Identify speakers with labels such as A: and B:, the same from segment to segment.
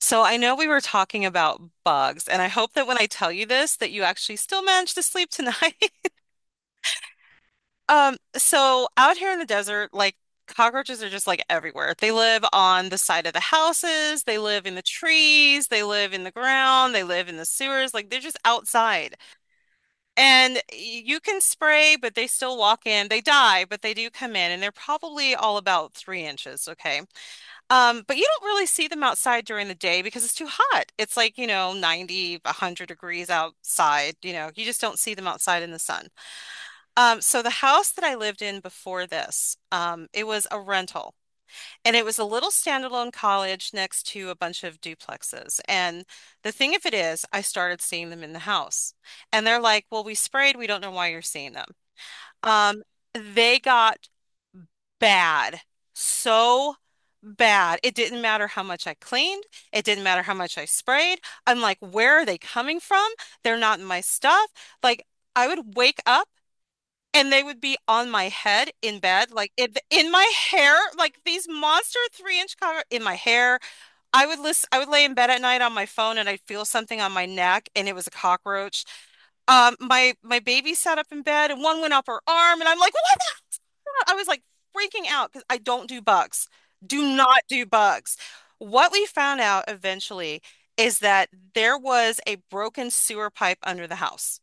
A: So I know we were talking about bugs, and I hope that when I tell you this, that you actually still manage to sleep tonight. So out here in the desert, like cockroaches are just like everywhere. They live on the side of the houses, they live in the trees, they live in the ground, they live in the sewers, like they're just outside. And you can spray, but they still walk in. They die, but they do come in, and they're probably all about 3 inches, okay? But you don't really see them outside during the day because it's too hot. It's like, you know, 90, 100 degrees outside. You know, you just don't see them outside in the sun. So the house that I lived in before this, it was a rental and it was a little standalone college next to a bunch of duplexes. And the thing of it is, I started seeing them in the house and they're like, well, we sprayed. We don't know why you're seeing them. Um, they got bad. So bad. It didn't matter how much I cleaned. It didn't matter how much I sprayed. I'm like, where are they coming from? They're not my stuff. Like, I would wake up and they would be on my head in bed, like in my hair, like these monster 3 inch cover in my hair. I would listen, I would lay in bed at night on my phone and I'd feel something on my neck and it was a cockroach. My baby sat up in bed and one went up her arm and I'm like, what I was like freaking out because I don't do bugs. Do not do bugs. What we found out eventually is that there was a broken sewer pipe under the house.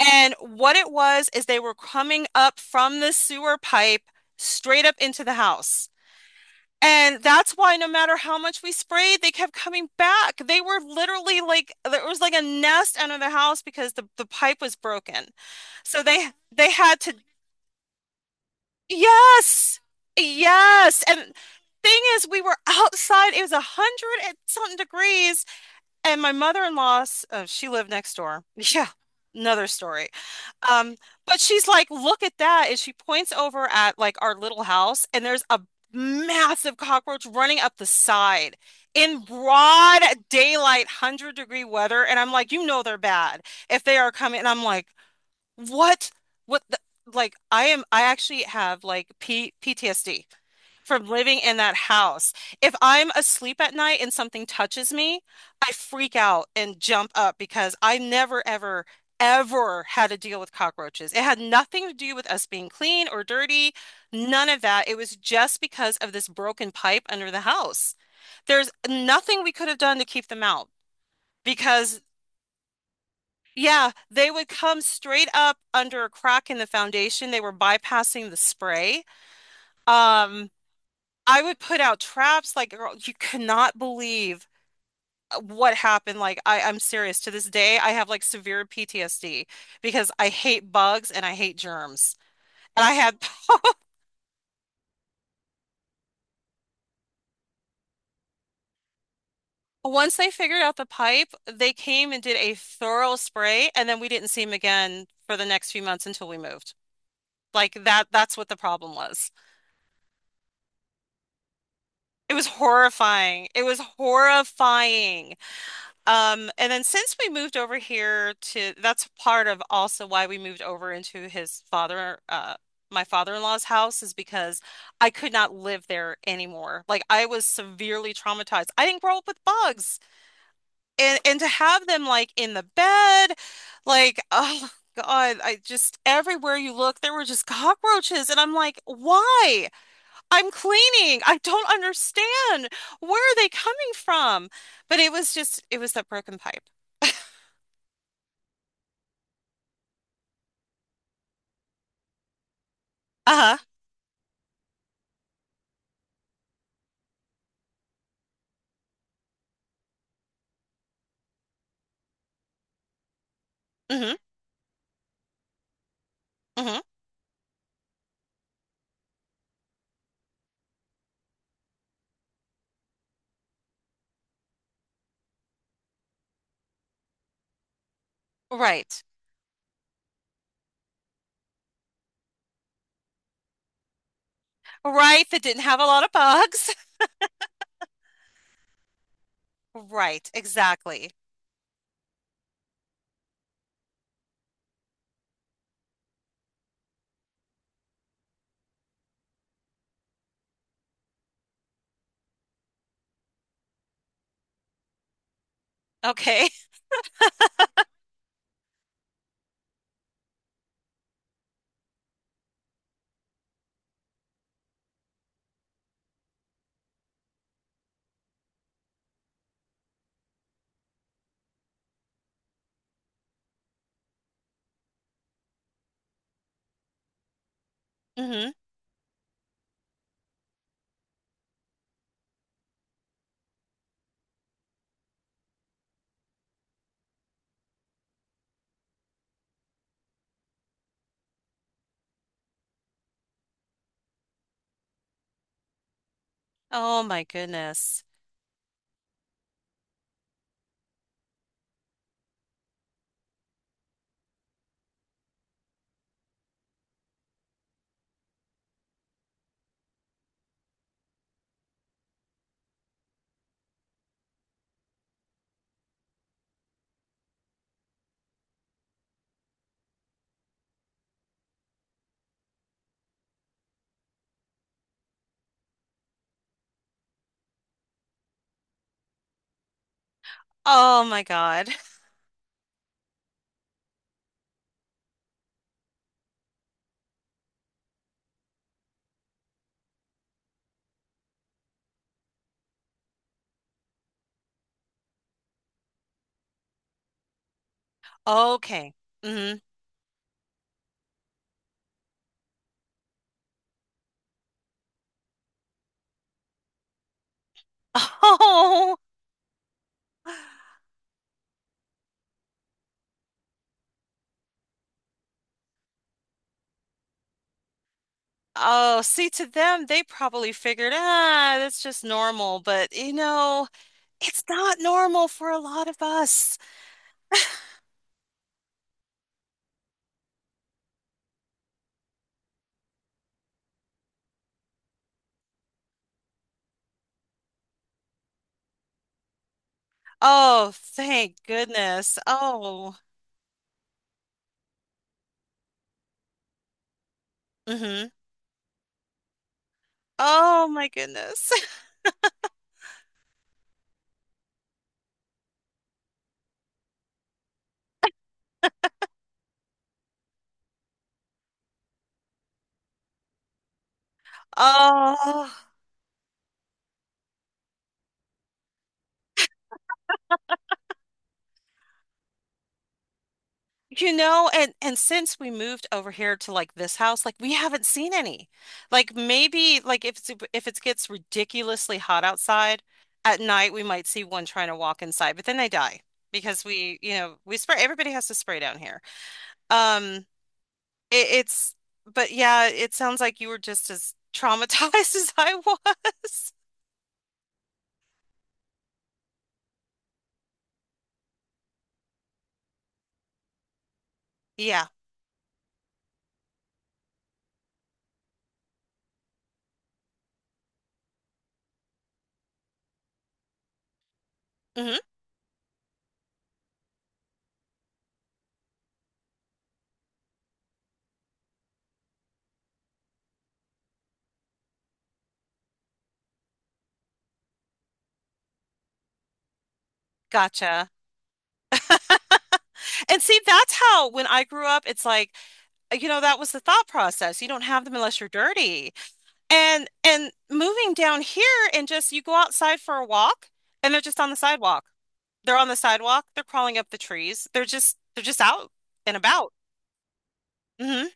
A: And what it was is they were coming up from the sewer pipe straight up into the house. And that's why no matter how much we sprayed, they kept coming back. They were literally like there was like a nest under the house because the pipe was broken. So they had to Yes. Yes. And thing is, we were outside. It was 100 and something degrees. And my mother-in-law, she lived next door. Yeah, another story. Um, but she's like, look at that. And she points over at like our little house, and there's a massive cockroach running up the side in broad daylight, 100 degree weather. And I'm like, you know they're bad if they are coming. And I'm like, what? What the, like I am I actually have like P PTSD from living in that house. If I'm asleep at night and something touches me, I freak out and jump up because I never ever ever had to deal with cockroaches. It had nothing to do with us being clean or dirty, none of that. It was just because of this broken pipe under the house. There's nothing we could have done to keep them out. Because yeah, they would come straight up under a crack in the foundation. They were bypassing the spray. Um, I would put out traps like girl, you cannot believe what happened. Like I'm serious. To this day, I have like severe PTSD because I hate bugs and I hate germs. And I had once they figured out the pipe, they came and did a thorough spray, and then we didn't see them again for the next few months until we moved. Like that's what the problem was. It was horrifying. It was horrifying. And then since we moved over here to, that's part of also why we moved over into his father, my father-in-law's house is because I could not live there anymore. Like I was severely traumatized. I didn't grow up with bugs, and to have them like in the bed, like oh God, I just everywhere you look there were just cockroaches, and I'm like, why? I'm cleaning. I don't understand. Where are they coming from? But it was just, it was that broken pipe. Uh-huh. Mm-hmm. Mm-hmm. Right. Right. That didn't have a lot of bugs. Right. Exactly. Okay. Mm-hmm. Oh my goodness. Oh my God. Okay. Mm-hmm. Oh. Oh, see, to them, they probably figured, ah, that's just normal. But, you know, it's not normal for a lot of us. Oh, thank goodness. Oh, hmm. Oh my goodness. Oh, you know, and since we moved over here to like this house, like we haven't seen any. Like maybe like if it's if it gets ridiculously hot outside at night, we might see one trying to walk inside, but then they die because we, you know, we spray. Everybody has to spray down here. Um, it's but yeah, it sounds like you were just as traumatized as I was. Yeah. Mm-hmm. Gotcha. And see, that's how when I grew up, it's like, you know, that was the thought process. You don't have them unless you're dirty. And moving down here and just you go outside for a walk and they're just on the sidewalk. They're on the sidewalk, they're crawling up the trees. They're just out and about. Hmm.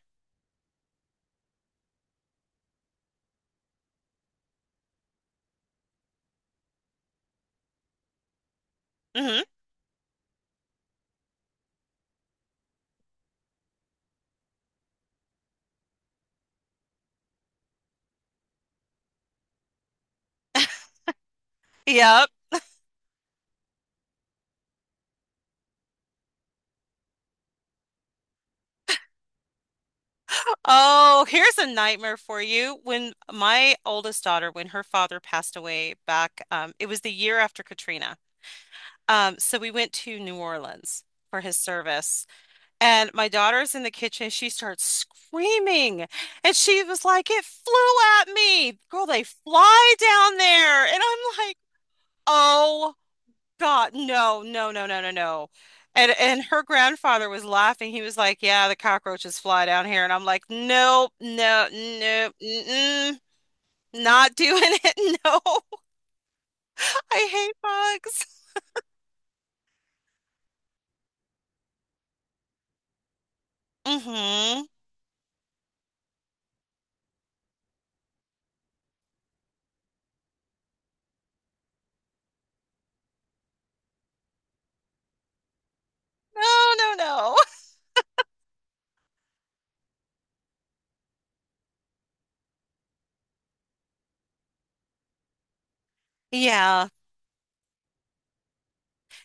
A: Hmm. Yep. Oh, here's a nightmare for you. When my oldest daughter, when her father passed away back, it was the year after Katrina. So we went to New Orleans for his service, and my daughter's in the kitchen. She starts screaming, and she was like, "It flew at me, girl! They fly down there!" And I'm like, "Oh God, no, no, no, no, no, no!" And her grandfather was laughing. He was like, "Yeah, the cockroaches fly down here," and I'm like, "Nope, no, no, mm-mm, not doing it. No, I hate bugs." Hmm. No, no, no. Yeah.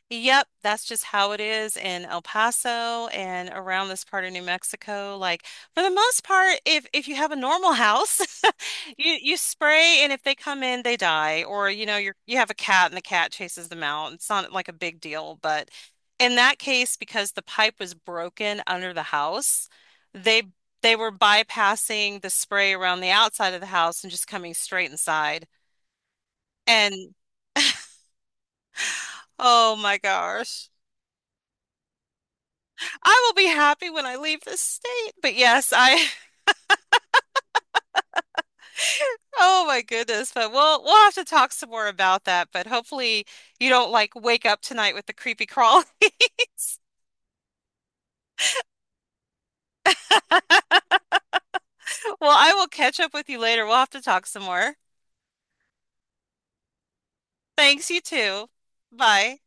A: Yep, that's just how it is in El Paso and around this part of New Mexico. Like for the most part, if you have a normal house, you spray and if they come in, they die. Or you know, you have a cat and the cat chases them out. It's not like a big deal, but in that case, because the pipe was broken under the house, they they were bypassing the spray around the outside of the house and just coming straight inside. And oh my gosh. I will be happy when I leave this state. But yes, oh my goodness. But we'll have to talk some more about that. But hopefully you don't like wake up tonight with the creepy crawlies. Well, I will catch up with you later. We'll have to talk some more. Thanks, you too. Bye.